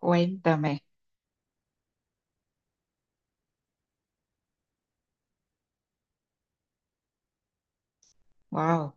Cuéntame. Wow.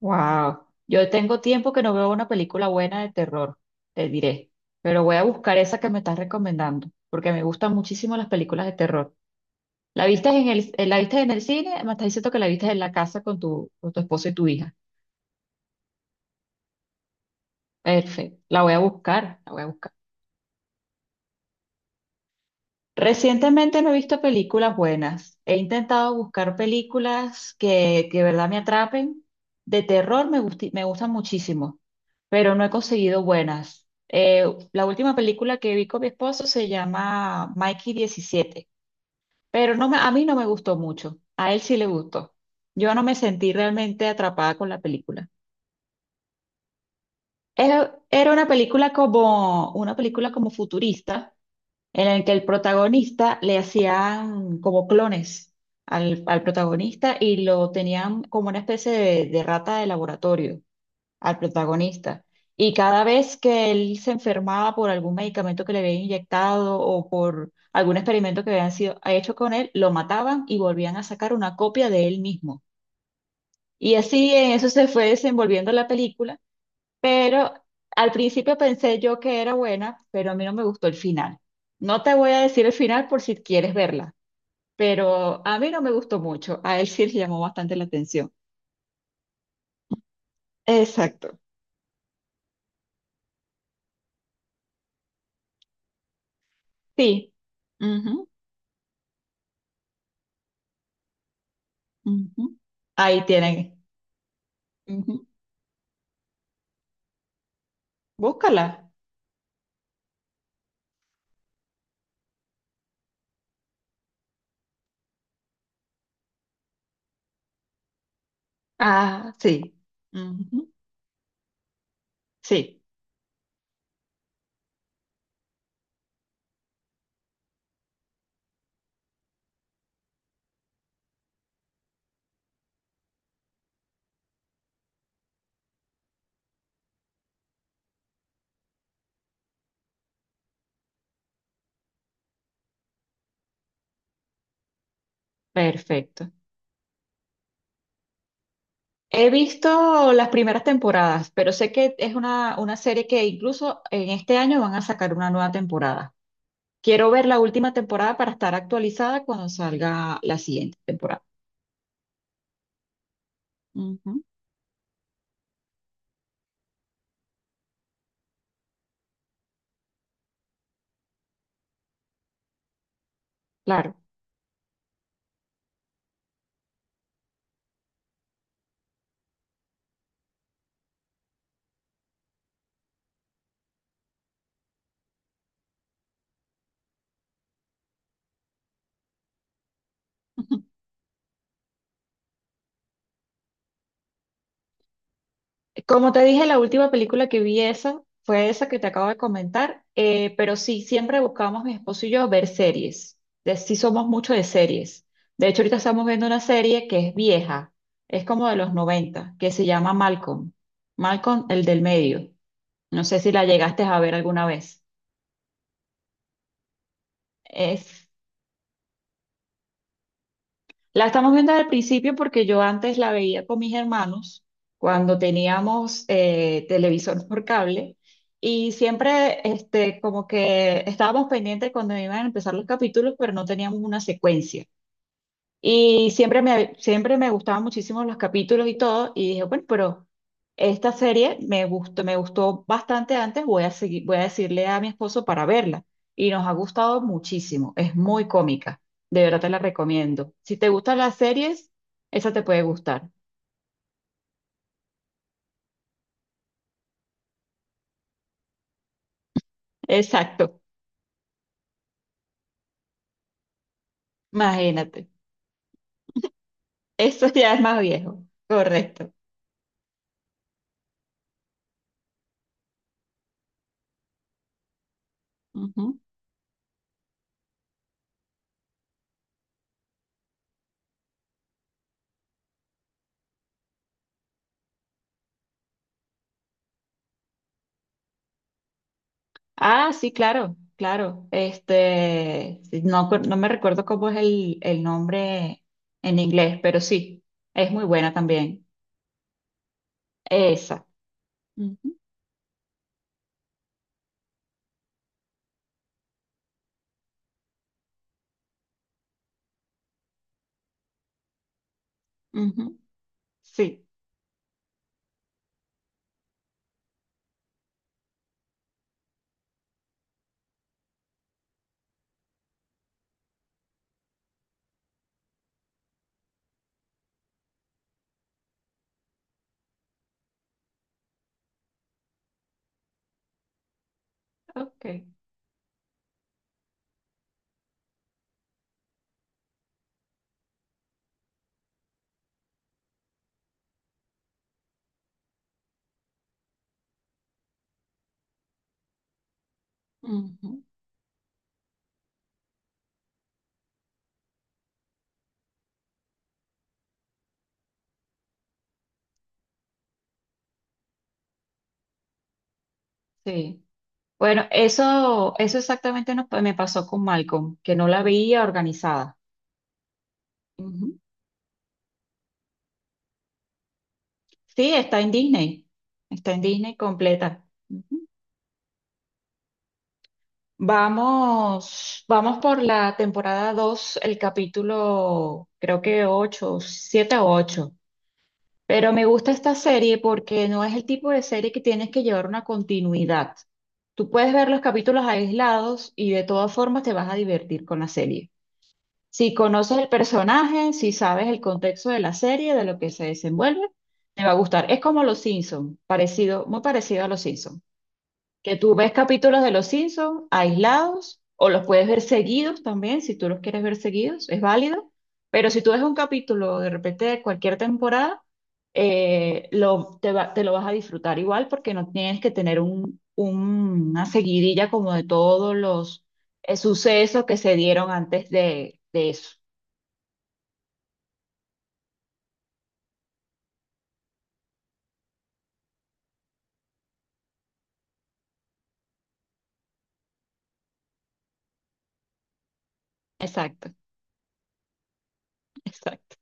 Wow. Yo tengo tiempo que no veo una película buena de terror, te diré. Pero voy a buscar esa que me estás recomendando, porque me gustan muchísimo las películas de terror. ¿La viste en el, la viste en el cine? Me estás diciendo que la viste en la casa con tu esposo y tu hija. Perfecto. La voy a buscar, la voy a buscar. Recientemente no he visto películas buenas. He intentado buscar películas que de verdad me atrapen. De terror me gustan muchísimo, pero no he conseguido buenas. La última película que vi con mi esposo se llama Mikey 17, pero a mí no me gustó mucho. A él sí le gustó. Yo no me sentí realmente atrapada con la película. Era una película como futurista, en el que el protagonista le hacían como clones al protagonista, y lo tenían como una especie de rata de laboratorio al protagonista. Y cada vez que él se enfermaba por algún medicamento que le habían inyectado o por algún experimento que habían sido hecho con él, lo mataban y volvían a sacar una copia de él mismo. Y así en eso se fue desenvolviendo la película, pero al principio pensé yo que era buena, pero a mí no me gustó el final. No te voy a decir el final por si quieres verla, pero a mí no me gustó mucho. A él sí le llamó bastante la atención. Exacto. Sí. Ujú, ujú. Ahí tienen. Ujú. Búscala. Ah, sí. Ujú. Sí, perfecto. He visto las primeras temporadas, pero sé que es una serie que incluso en este año van a sacar una nueva temporada. Quiero ver la última temporada para estar actualizada cuando salga la siguiente temporada. Ujú, claro. Como te dije, la última película que vi, esa fue esa que te acabo de comentar, pero sí, siempre buscamos mi esposo y yo ver series. Sí, somos mucho de series. De hecho, ahorita estamos viendo una serie que es vieja, es como de los noventa, que se llama Malcolm. Malcolm, el del medio. No sé si la llegaste a ver alguna vez. Es La estamos viendo al principio porque yo antes la veía con mis hermanos cuando teníamos televisor por cable, y siempre este, como que estábamos pendientes cuando iban a empezar los capítulos, pero no teníamos una secuencia. Y siempre me gustaban muchísimo los capítulos y todo, y dije, bueno, pero esta serie me gustó bastante antes, voy a seguir, voy a decirle a mi esposo para verla. Y nos ha gustado muchísimo, es muy cómica, de verdad te la recomiendo. Si te gustan las series, esa te puede gustar. Exacto, imagínate. Eso ya es más viejo, correcto. Ujú. Ah, sí, claro, claro. Este, sí, no, no me recuerdo cómo es el nombre en inglés, pero sí, es muy buena también. Esa. Ujú, ujú, sí, ok. Ujú, sí. Bueno, eso exactamente me pasó con Malcolm, que no la veía organizada. Ujú. Sí, está en Disney. Está en Disney completa. Ujú. Vamos, vamos por la temporada 2, el capítulo creo que 8, 7 o 8. Pero me gusta esta serie porque no es el tipo de serie que tienes que llevar una continuidad. Tú puedes ver los capítulos aislados y de todas formas te vas a divertir con la serie. Si conoces el personaje, si sabes el contexto de la serie, de lo que se desenvuelve, te va a gustar. Es como Los Simpson, parecido, muy parecido a Los Simpson. Que tú ves capítulos de Los Simpsons aislados, o los puedes ver seguidos también, si tú los quieres ver seguidos, es válido. Pero si tú ves un capítulo de repente de cualquier temporada, te lo vas a disfrutar igual porque no tienes que tener un, una seguidilla como de todos los sucesos que se dieron antes de eso. Exacto, exacto.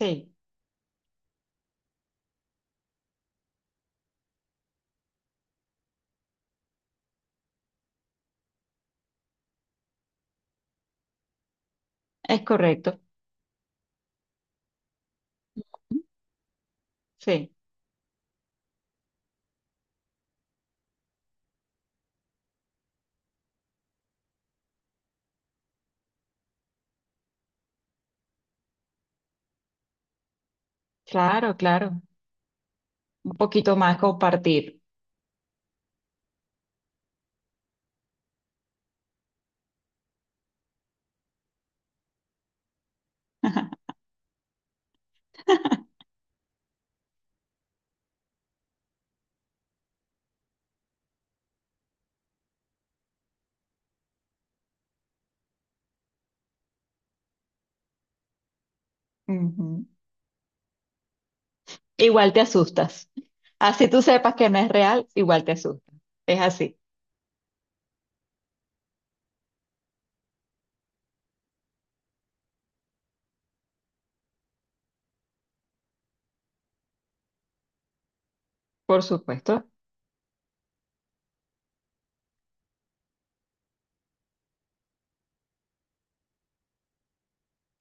Sí, es correcto. Sí, claro, claro. Un poquito más compartir. Ujú. Igual te asustas. Así tú sepas que no es real, igual te asustas. Es así, por supuesto.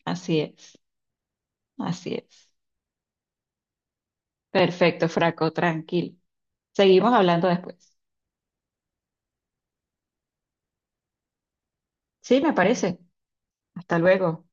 Así es, así es. Perfecto, Fraco, tranquilo. Seguimos hablando después. Sí, me parece. Hasta luego.